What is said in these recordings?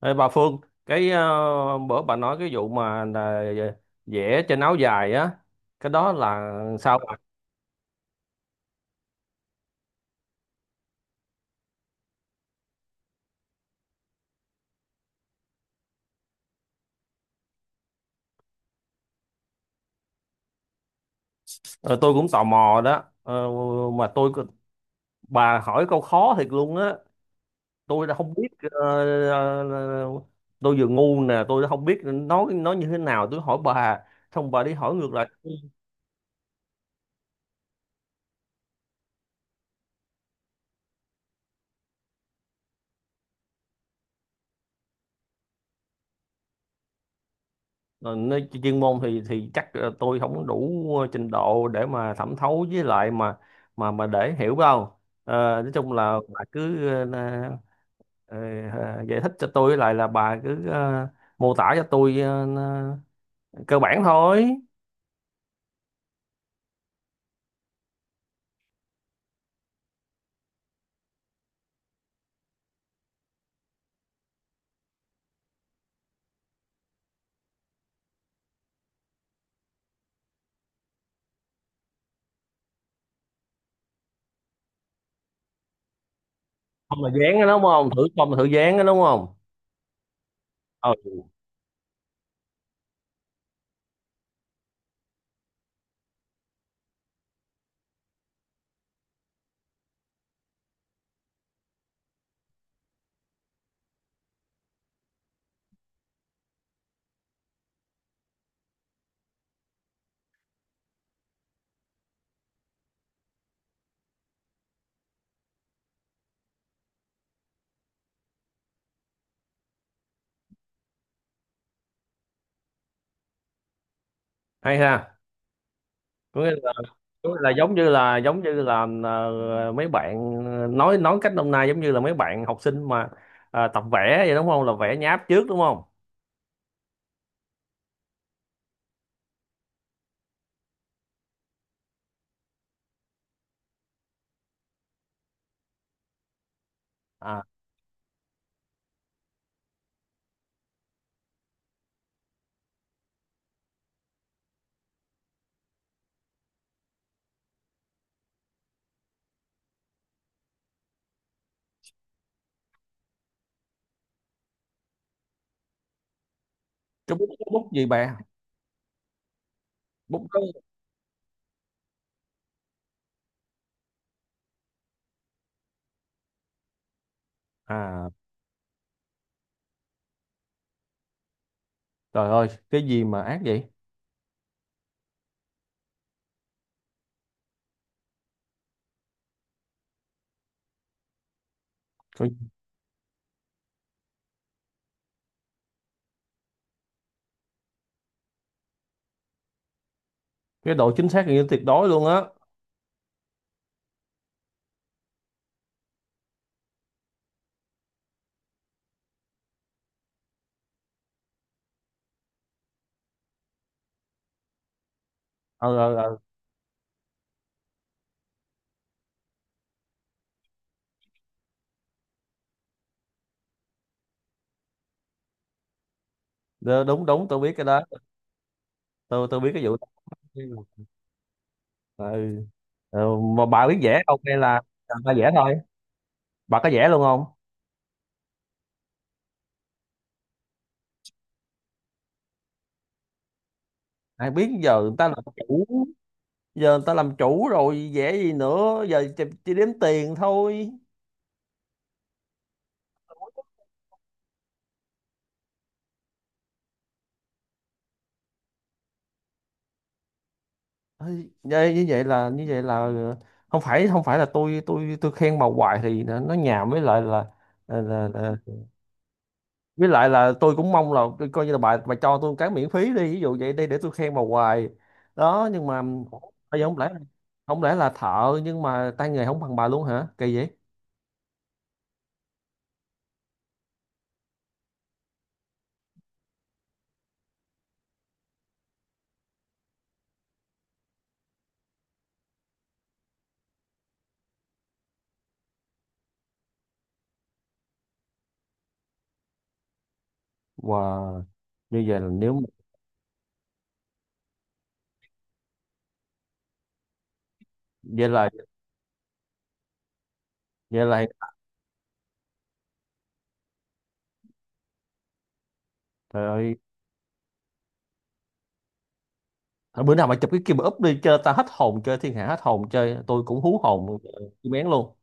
Ê, bà Phương, bữa bà nói cái vụ mà là vẽ trên áo dài á, cái đó là sao bà? Ờ, tôi cũng tò mò đó. Ờ, mà tôi Bà hỏi câu khó thiệt luôn á, tôi đã không biết, ờ, ờ, tôi vừa ngu nè, tôi đã không biết nói như thế nào, tôi hỏi bà, xong bà đi hỏi ngược lại. Ờ, Nơi chuyên môn thì chắc tôi không đủ trình độ để mà thẩm thấu với lại mà để hiểu đâu. Ờ, nói chung là bà cứ Ờ, giải thích cho tôi lại, là bà cứ mô tả cho tôi cơ bản thôi. Không là dán đó đúng không, không là thử dán đó đúng không? Ừ, hay ha. Có nghĩa là, giống như là, mấy bạn nói cách hôm nay giống như là mấy bạn học sinh mà tập vẽ vậy đúng không, là vẽ nháp trước đúng không? À, cái bút, cái bút gì bà? Bút có À, trời ơi, cái gì mà ác vậy! Cái cái độ chính xác gần như tuyệt đối luôn á. Ờ ờ ờ, Đ- đúng đúng, tôi biết cái đó, tôi biết cái vụ đó. Ừ. Ừ. Mà bà biết vẽ không hay là bà vẽ thôi bà có vẽ luôn không? Ai biết, giờ người ta làm chủ rồi, vẽ gì nữa, giờ chỉ đếm tiền thôi. Ây, như như vậy là không phải là tôi khen bà hoài thì nó nhàm, với lại là với lại là tôi cũng mong là tôi coi như là bà cho tôi cái miễn phí đi, ví dụ vậy đi, để tôi khen bà hoài đó. Nhưng mà bây giờ không lẽ là thợ nhưng mà tay nghề không bằng bà luôn hả, kỳ vậy? Wow, như vậy là nếu vậy là vậy là trời ơi. Thôi, bữa nào mà chụp cái kia mà úp đi chơi, ta hết hồn, chơi thiên hạ hết hồn, chơi tôi cũng hú hồn, kim bén luôn.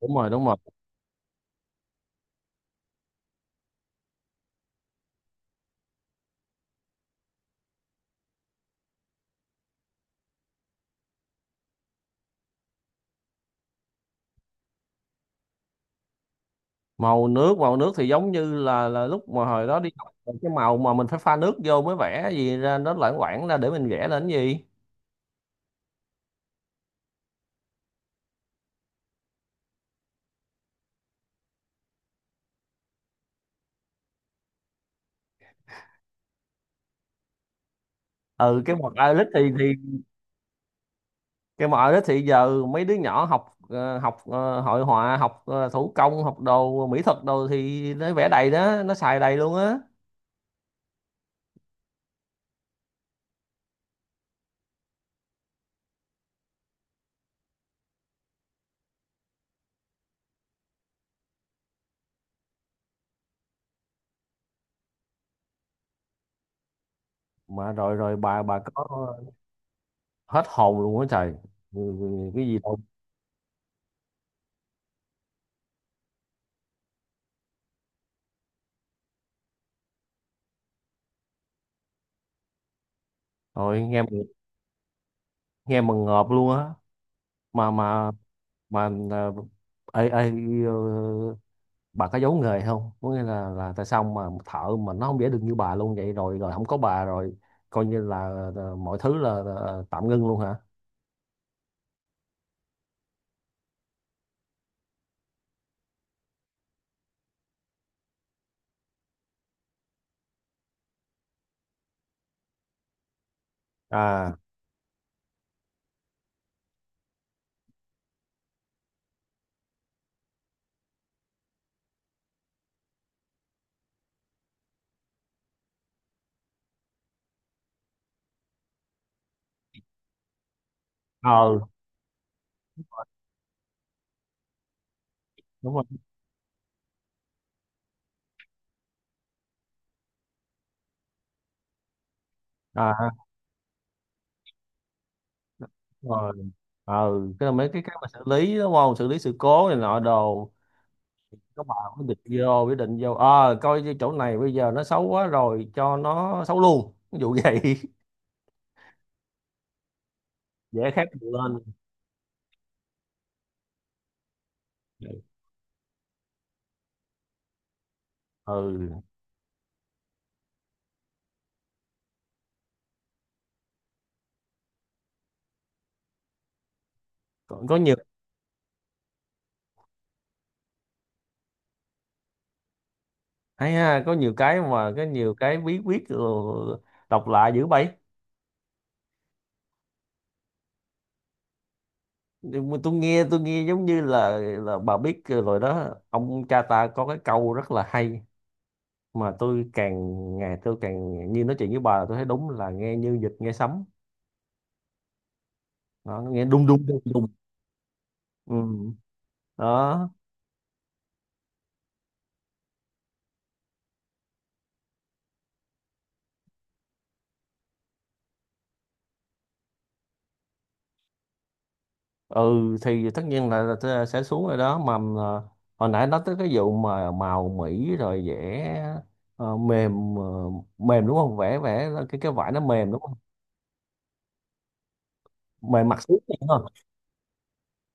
Đúng rồi, đúng rồi. Màu nước, màu nước thì giống như là lúc mà hồi đó đi học, cái màu mà mình phải pha nước vô mới vẽ gì ra nó loãng quảng ra để mình vẽ lên cái gì. Ừ, cái môn Irish thì giờ mấy đứa nhỏ học hội họa, học thủ công, học đồ mỹ thuật đồ thì nó vẽ đầy đó, nó xài đầy luôn á. Mà rồi rồi bà có hết hồn luôn á trời. Ừ, ừ, cái gì đâu. Rồi nghe mà ngợp luôn á. Mà mà mà ờ, ê, ê, ờ, bà có giấu nghề không, có nghĩa là tại sao mà thợ mà nó không vẽ được như bà luôn vậy, rồi rồi không có bà rồi coi như là, mọi thứ là tạm ngưng luôn hả? À, ờ đúng rồi. À, đúng rồi. ờ mấy cái cách mà xử lý đúng không, xử lý sự cố này nọ đồ. Các bạn quyết định vô coi như chỗ này bây giờ nó xấu quá rồi, cho nó xấu luôn, ví dụ vậy. Dễ khác nhiều lên. Ừ, có nhiều. Hay ha, có nhiều cái bí quyết rồi, đọc lạ dữ vậy. Nhưng mà tôi nghe giống như là bà biết rồi đó, ông cha ta có cái câu rất là hay, mà tôi càng ngày tôi càng như nói chuyện với bà là tôi thấy đúng là nghe như vịt nghe sấm. Đó, nó nghe đung đung đung đung. Ừ. Đó. Ừ, thì tất nhiên là tôi sẽ xuống rồi đó mà. À, hồi nãy nói tới cái vụ mà màu mĩ rồi vẽ ờ, mềm ờ, mềm đúng không, vẽ vẽ cái vải nó mềm đúng không? Mềm,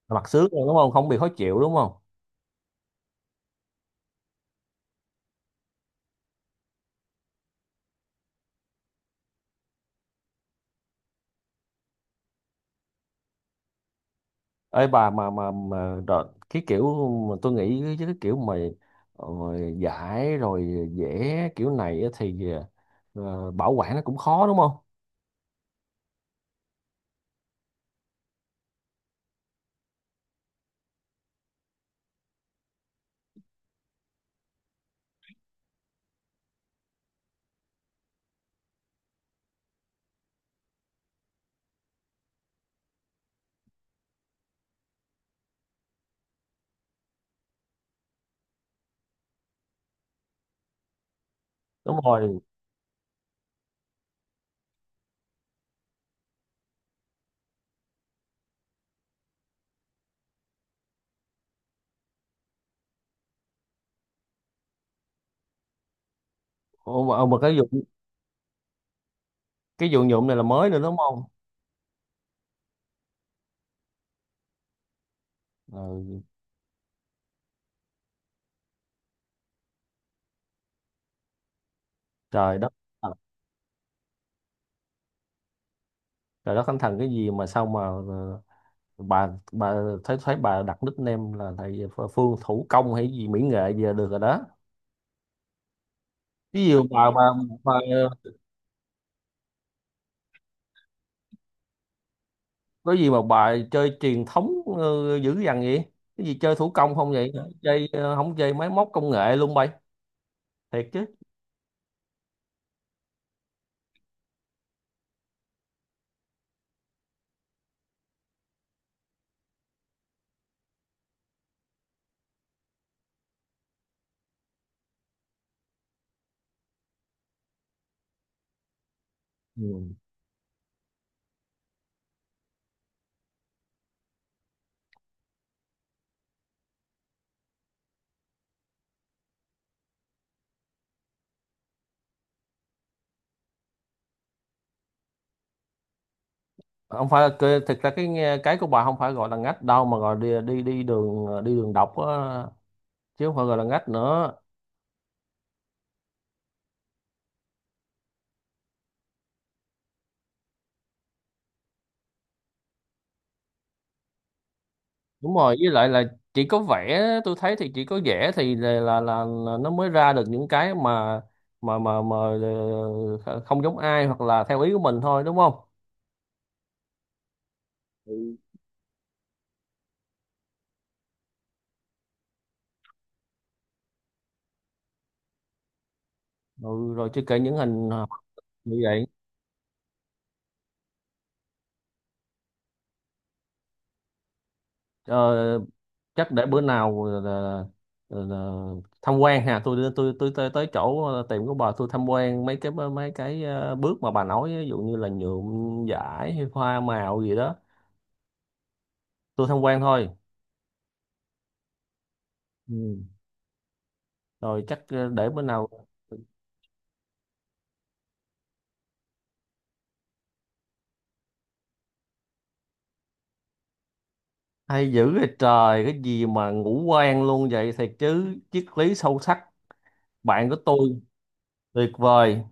mặt xước đúng không, không bị khó chịu đúng không? Ấy bà, cái kiểu cái kiểu mà ờ, giải rồi vẽ kiểu này á thì bảo quản nó cũng khó đúng không? Đúng rồi. Ồ, mà cái dụng nhuộm này là mới nữa đúng không? Ờ, trời đất ờ, trời đất thánh thần, cái gì mà sao mà bà thấy thấy bà đặt nickname là thầy Phương thủ công hay gì mỹ nghệ gì là được rồi đó. Ví dụ bà bà có gì mà bà chơi truyền thống dữ dằn vậy, cái gì chơi thủ công không vậy, không chơi máy móc công nghệ luôn bay, thiệt chứ? Ừ. không phải là cái- thực ra cái nghe- Cái của bà không phải gọi là ngách đâu, mà gọi đi đi đi đường ờ, đi đường độc á, chứ không phải gọi là ngách nữa. Đúng rồi, với lại là chỉ có vẽ, tôi thấy, thì chỉ có vẽ thì là nó mới ra được những cái mà ờ, không giống ai, hoặc là theo ý của mình thôi đúng không? Ừ, rồi chưa kể những hình như vậy. Ờ, chắc để bữa nào là tham quan ha, tôi tới chỗ tiệm của bà, tôi tham quan mấy cái bước mà bà nói ví dụ như là nhuộm vải hay hoa màu gì đó, tôi tham quan thôi. Ừ. Rồi chắc để bữa nào. Hay dữ vậy trời, cái gì mà ngủ quen luôn vậy, thiệt chứ, triết lý sâu sắc, bạn của tôi tuyệt vời.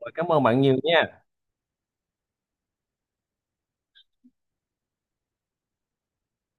Rồi, cảm ơn bạn nhiều nha.